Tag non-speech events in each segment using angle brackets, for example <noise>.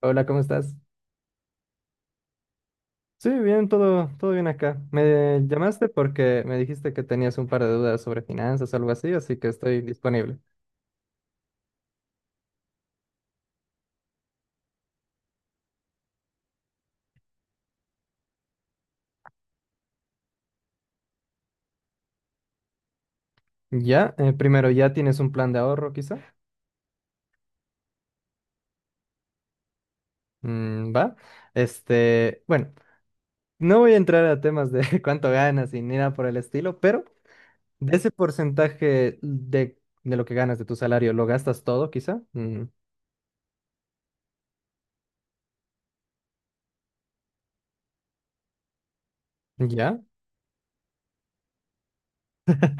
Hola, ¿cómo estás? Sí, bien, todo bien acá. Me llamaste porque me dijiste que tenías un par de dudas sobre finanzas o algo así, así que estoy disponible. Ya, primero, ¿ya tienes un plan de ahorro quizá? Mm, va. Este, bueno, no voy a entrar a temas de <laughs> cuánto ganas y ni nada por el estilo, pero de ese porcentaje de lo que ganas de tu salario, ¿lo gastas todo quizá? Mm, ya.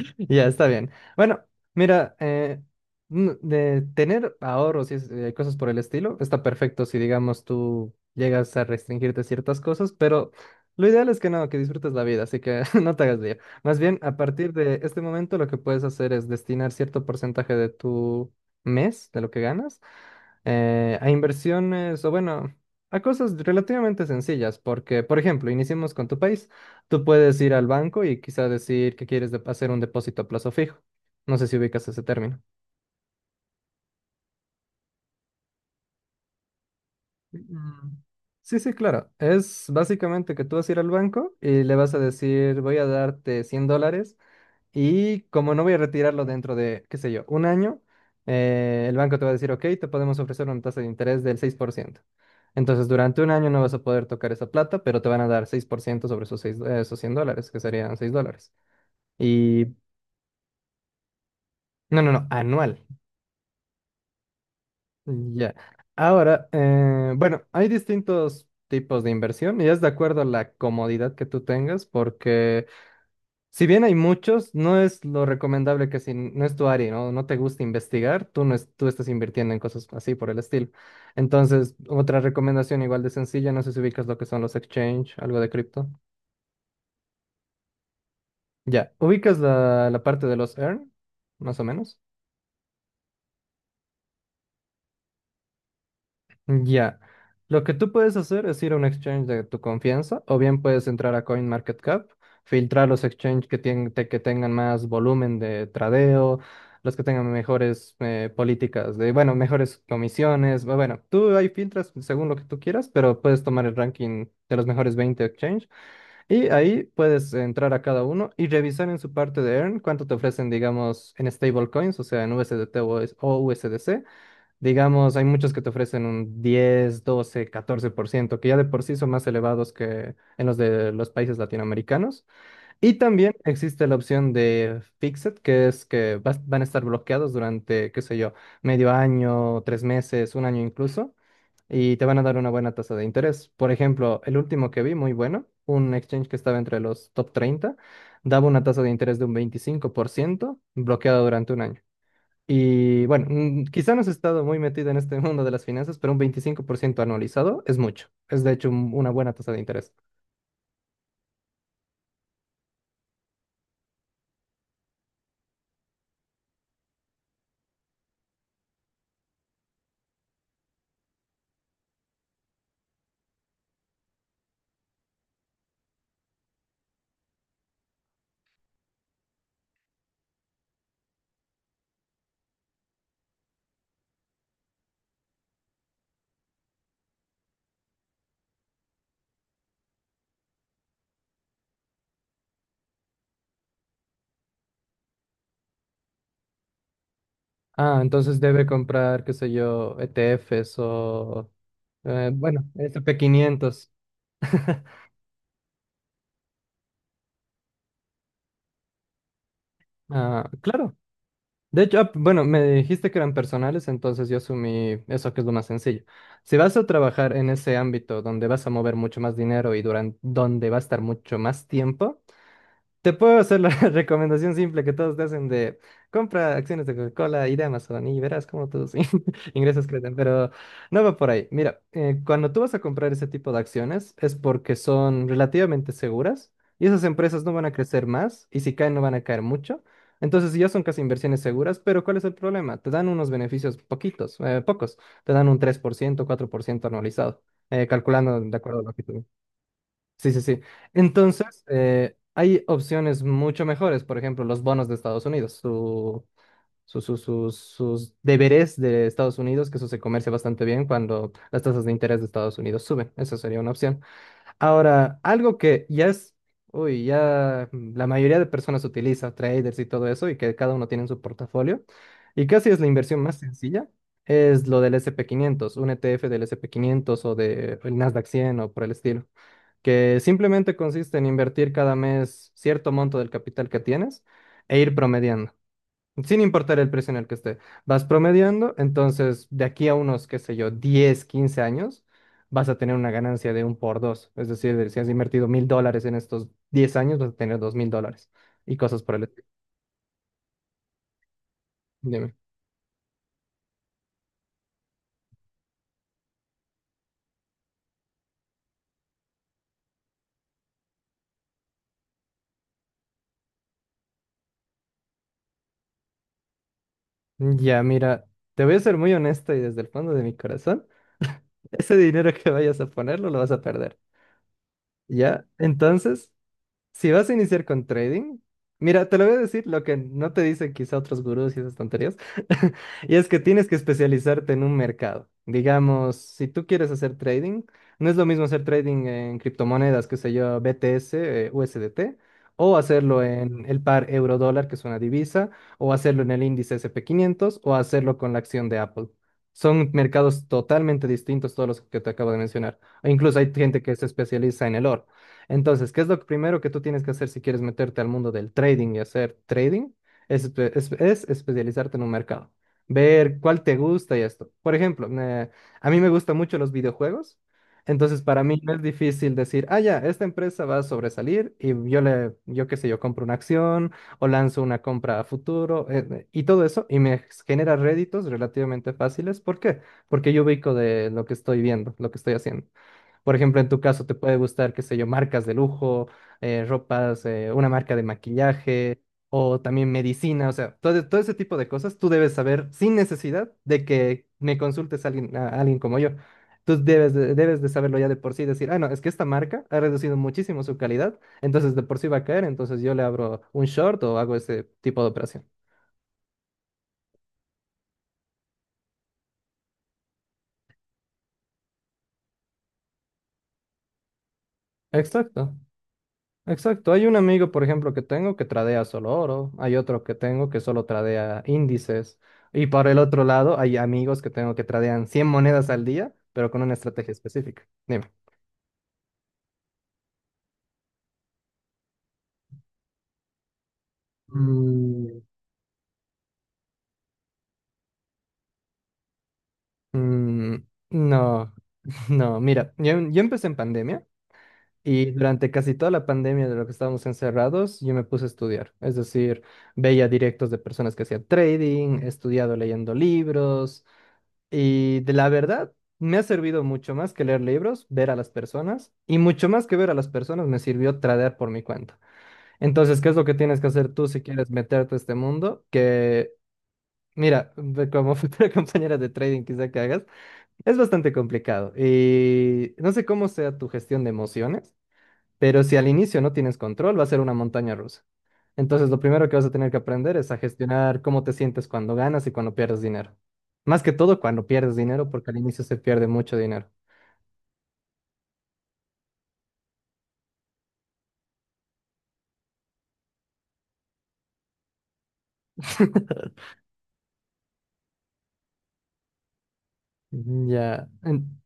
<laughs> Ya, está bien. Bueno, mira, de tener ahorros y cosas por el estilo, está perfecto si, digamos, tú llegas a restringirte ciertas cosas, pero lo ideal es que no, que disfrutes la vida, así que <laughs> no te hagas lío. Más bien, a partir de este momento, lo que puedes hacer es destinar cierto porcentaje de tu mes, de lo que ganas, a inversiones o bueno, a cosas relativamente sencillas, porque, por ejemplo, iniciemos con tu país, tú puedes ir al banco y quizá decir que quieres hacer un depósito a plazo fijo. No sé si ubicas ese término. Mm. Sí, sí, claro. Es básicamente que tú vas a ir al banco y le vas a decir, voy a darte $100. Y como no voy a retirarlo dentro de, qué sé yo, un año, el banco te va a decir, ok, te podemos ofrecer una tasa de interés del 6%. Entonces, durante un año no vas a poder tocar esa plata, pero te van a dar 6% sobre esos, esos 100 dólares, que serían $6. Y, no, no, no, anual. Ya. Ahora, bueno, hay distintos tipos de inversión y es de acuerdo a la comodidad que tú tengas, porque... Si bien hay muchos, no es lo recomendable que si no es tu área, ¿no? No te gusta investigar, tú no es- tú estás invirtiendo en cosas así por el estilo. Entonces, otra recomendación igual de sencilla, no sé si ubicas lo que son los exchange, algo de cripto. Ya, ubicas la parte de los earn, más o menos. Ya. Lo que tú puedes hacer es ir a un exchange de tu confianza, o bien puedes entrar a CoinMarketCap, filtrar los exchanges que, que tengan más volumen de tradeo, los que tengan mejores políticas de, bueno, mejores comisiones. Bueno, tú ahí filtras según lo que tú quieras, pero puedes tomar el ranking de los mejores 20 exchanges y ahí puedes entrar a cada uno y revisar en su parte de Earn cuánto te ofrecen, digamos, en stablecoins, o sea, en USDT o USDC. Digamos, hay muchos que te ofrecen un 10, 12, 14%, que ya de por sí son más elevados que en los de los países latinoamericanos. Y también existe la opción de Fixed, que es que van a estar bloqueados durante, qué sé yo, medio año, 3 meses, un año incluso, y te van a dar una buena tasa de interés. Por ejemplo, el último que vi, muy bueno, un exchange que estaba entre los top 30, daba una tasa de interés de un 25%, bloqueada durante un año. Y bueno, mm, quizá no has estado muy metido en este <laughs> mundo de las finanzas, pero un 25% anualizado es mucho. Es de hecho una buena tasa de interés. Ah, entonces debe comprar, qué sé yo, ETFs o, bueno, S&P 500. <laughs> Ah, claro. De hecho, ah, bueno, me dijiste que eran personales, entonces yo asumí eso que es lo más sencillo. Si vas a trabajar en ese ámbito donde vas a mover mucho más dinero y durante, donde va a estar mucho más tiempo, te puedo hacer la <laughs> recomendación simple que todos te hacen de compra acciones de Coca-Cola y de Amazon y verás cómo tus <laughs> ingresos crecen, pero no va por ahí. Mira, cuando tú vas a comprar ese tipo de acciones es porque son relativamente seguras y esas empresas no van a crecer más y si caen no van a caer mucho. Entonces ya son casi inversiones seguras, pero ¿cuál es el problema? Te dan unos beneficios poquitos, pocos. Te dan un 3%, 4% anualizado, calculando de acuerdo a lo que tú... Sí, sí, sí. Entonces, hay opciones mucho mejores, por ejemplo, los bonos de Estados Unidos, sus deberes de Estados Unidos, que eso se comercia bastante bien cuando las tasas de interés de Estados Unidos suben. Esa sería una opción. Ahora, algo que ya es, uy, ya la mayoría de personas utiliza, traders y todo eso, y que cada uno tiene en su portafolio, y casi es la inversión más sencilla. Es lo del S&P 500 un ETF del S&P 500 o del Nasdaq 100 o por el estilo que simplemente consiste en invertir cada mes cierto monto del capital que tienes e ir promediando, sin importar el precio en el que esté. Vas promediando, entonces de aquí a unos, qué sé yo, 10 15 años, vas a tener una ganancia de un por dos. Es decir, si has invertido $1,000 en estos 10 años, vas a tener $2,000 y cosas por el estilo. Dime. Ya, mira, te voy a ser muy honesta y desde el fondo de mi corazón, ese dinero que vayas a ponerlo lo vas a perder. Ya, entonces... Si vas a iniciar con trading, mira, te lo voy a decir lo que no te dicen quizá otros gurús y esas tonterías, <laughs> y es que tienes que especializarte en un mercado. Digamos, si tú quieres hacer trading, no es lo mismo hacer trading en criptomonedas, que sé yo, BTS, USDT, o hacerlo en el par euro-dólar, que es una divisa, o hacerlo en el índice S&P 500, o hacerlo con la acción de Apple. Son mercados totalmente distintos todos los que te acabo de mencionar. E incluso hay gente que se especializa en el oro. Entonces, ¿qué es lo primero que tú tienes que hacer si quieres meterte al mundo del trading y hacer trading? Es especializarte en un mercado, ver cuál te gusta y esto. Por ejemplo, a mí me gustan mucho los videojuegos, entonces para mí no es difícil decir, ah, ya, esta empresa va a sobresalir y yo le, yo qué sé, yo compro una acción o lanzo una compra a futuro y todo eso y me genera réditos relativamente fáciles. ¿Por qué? Porque yo ubico de lo que estoy viendo, lo que estoy haciendo. Por ejemplo, en tu caso, te puede gustar, qué sé yo, marcas de lujo, ropas, una marca de maquillaje o también medicina, o sea, todo ese tipo de cosas tú debes saber sin necesidad de que me consultes a alguien como yo. Tú debes de saberlo ya de por sí, decir, ah, no, es que esta marca ha reducido muchísimo su calidad, entonces de por sí va a caer, entonces yo le abro un short o hago ese tipo de operación. Exacto. Exacto, hay un amigo, por ejemplo, que tengo que tradea solo oro, hay otro que tengo que solo tradea índices, y por el otro lado hay amigos que tengo que tradean 100 monedas al día, pero con una estrategia específica. Dime. Mm, Mm, no, <laughs> no, mira, yo empecé en pandemia y durante casi toda la pandemia de lo que estábamos encerrados, yo me puse a estudiar. Es decir, veía directos de personas que hacían trading, he estudiado leyendo libros, y de la verdad, me ha servido mucho más que leer libros, ver a las personas, y mucho más que ver a las personas me sirvió tradear por mi cuenta. Entonces, ¿qué es lo que tienes que hacer tú si quieres meterte a este mundo? Que, mira, como <laughs> futura compañera de trading quizá que hagas, es bastante complicado. Y no sé cómo sea tu gestión de emociones. Pero si al inicio no tienes control, va a ser una montaña rusa. Entonces, lo primero que vas a tener que aprender es a gestionar cómo te sientes cuando ganas y cuando pierdes dinero. Más que todo cuando pierdes dinero, porque al inicio se pierde mucho dinero. <laughs> Ya.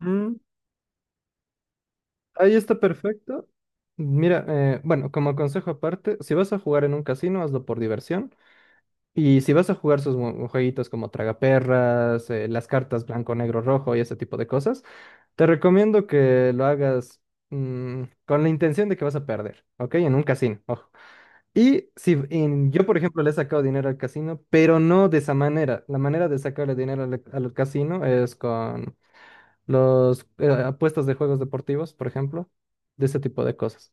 mm, Ahí está perfecto. Mira, bueno, como consejo aparte, si vas a jugar en un casino, hazlo por diversión. Y si vas a jugar sus jueguitos como Tragaperras, las cartas blanco, negro, rojo y ese tipo de cosas, te recomiendo que lo hagas con la intención de que vas a perder, ¿ok? En un casino, ojo. Y si yo, por ejemplo, le he sacado dinero al casino, pero no de esa manera. La manera de sacarle dinero al casino es con los apuestas de juegos deportivos, por ejemplo, de ese tipo de cosas.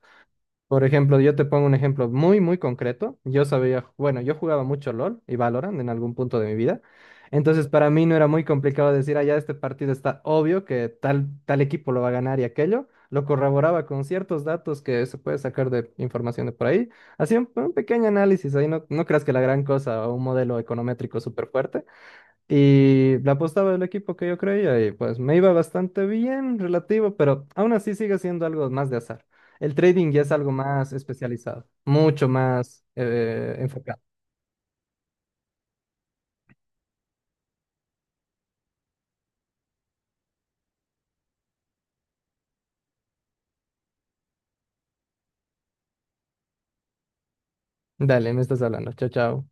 Por ejemplo, yo te pongo un ejemplo muy, muy concreto. Yo sabía, bueno, yo jugaba mucho LOL y Valorant en algún punto de mi vida. Entonces, para mí no era muy complicado decir, ah, ya este partido está obvio que tal equipo lo va a ganar y aquello. Lo corroboraba con ciertos datos que se puede sacar de información de por ahí. Hacía un pequeño análisis ahí, no, no creas que la gran cosa o un modelo econométrico súper fuerte, y la apostaba del equipo que yo creía y pues me iba bastante bien, relativo, pero aún así sigue siendo algo más de azar. El trading ya es algo más especializado, mucho más enfocado. Dale, me estás hablando. Chao, chao.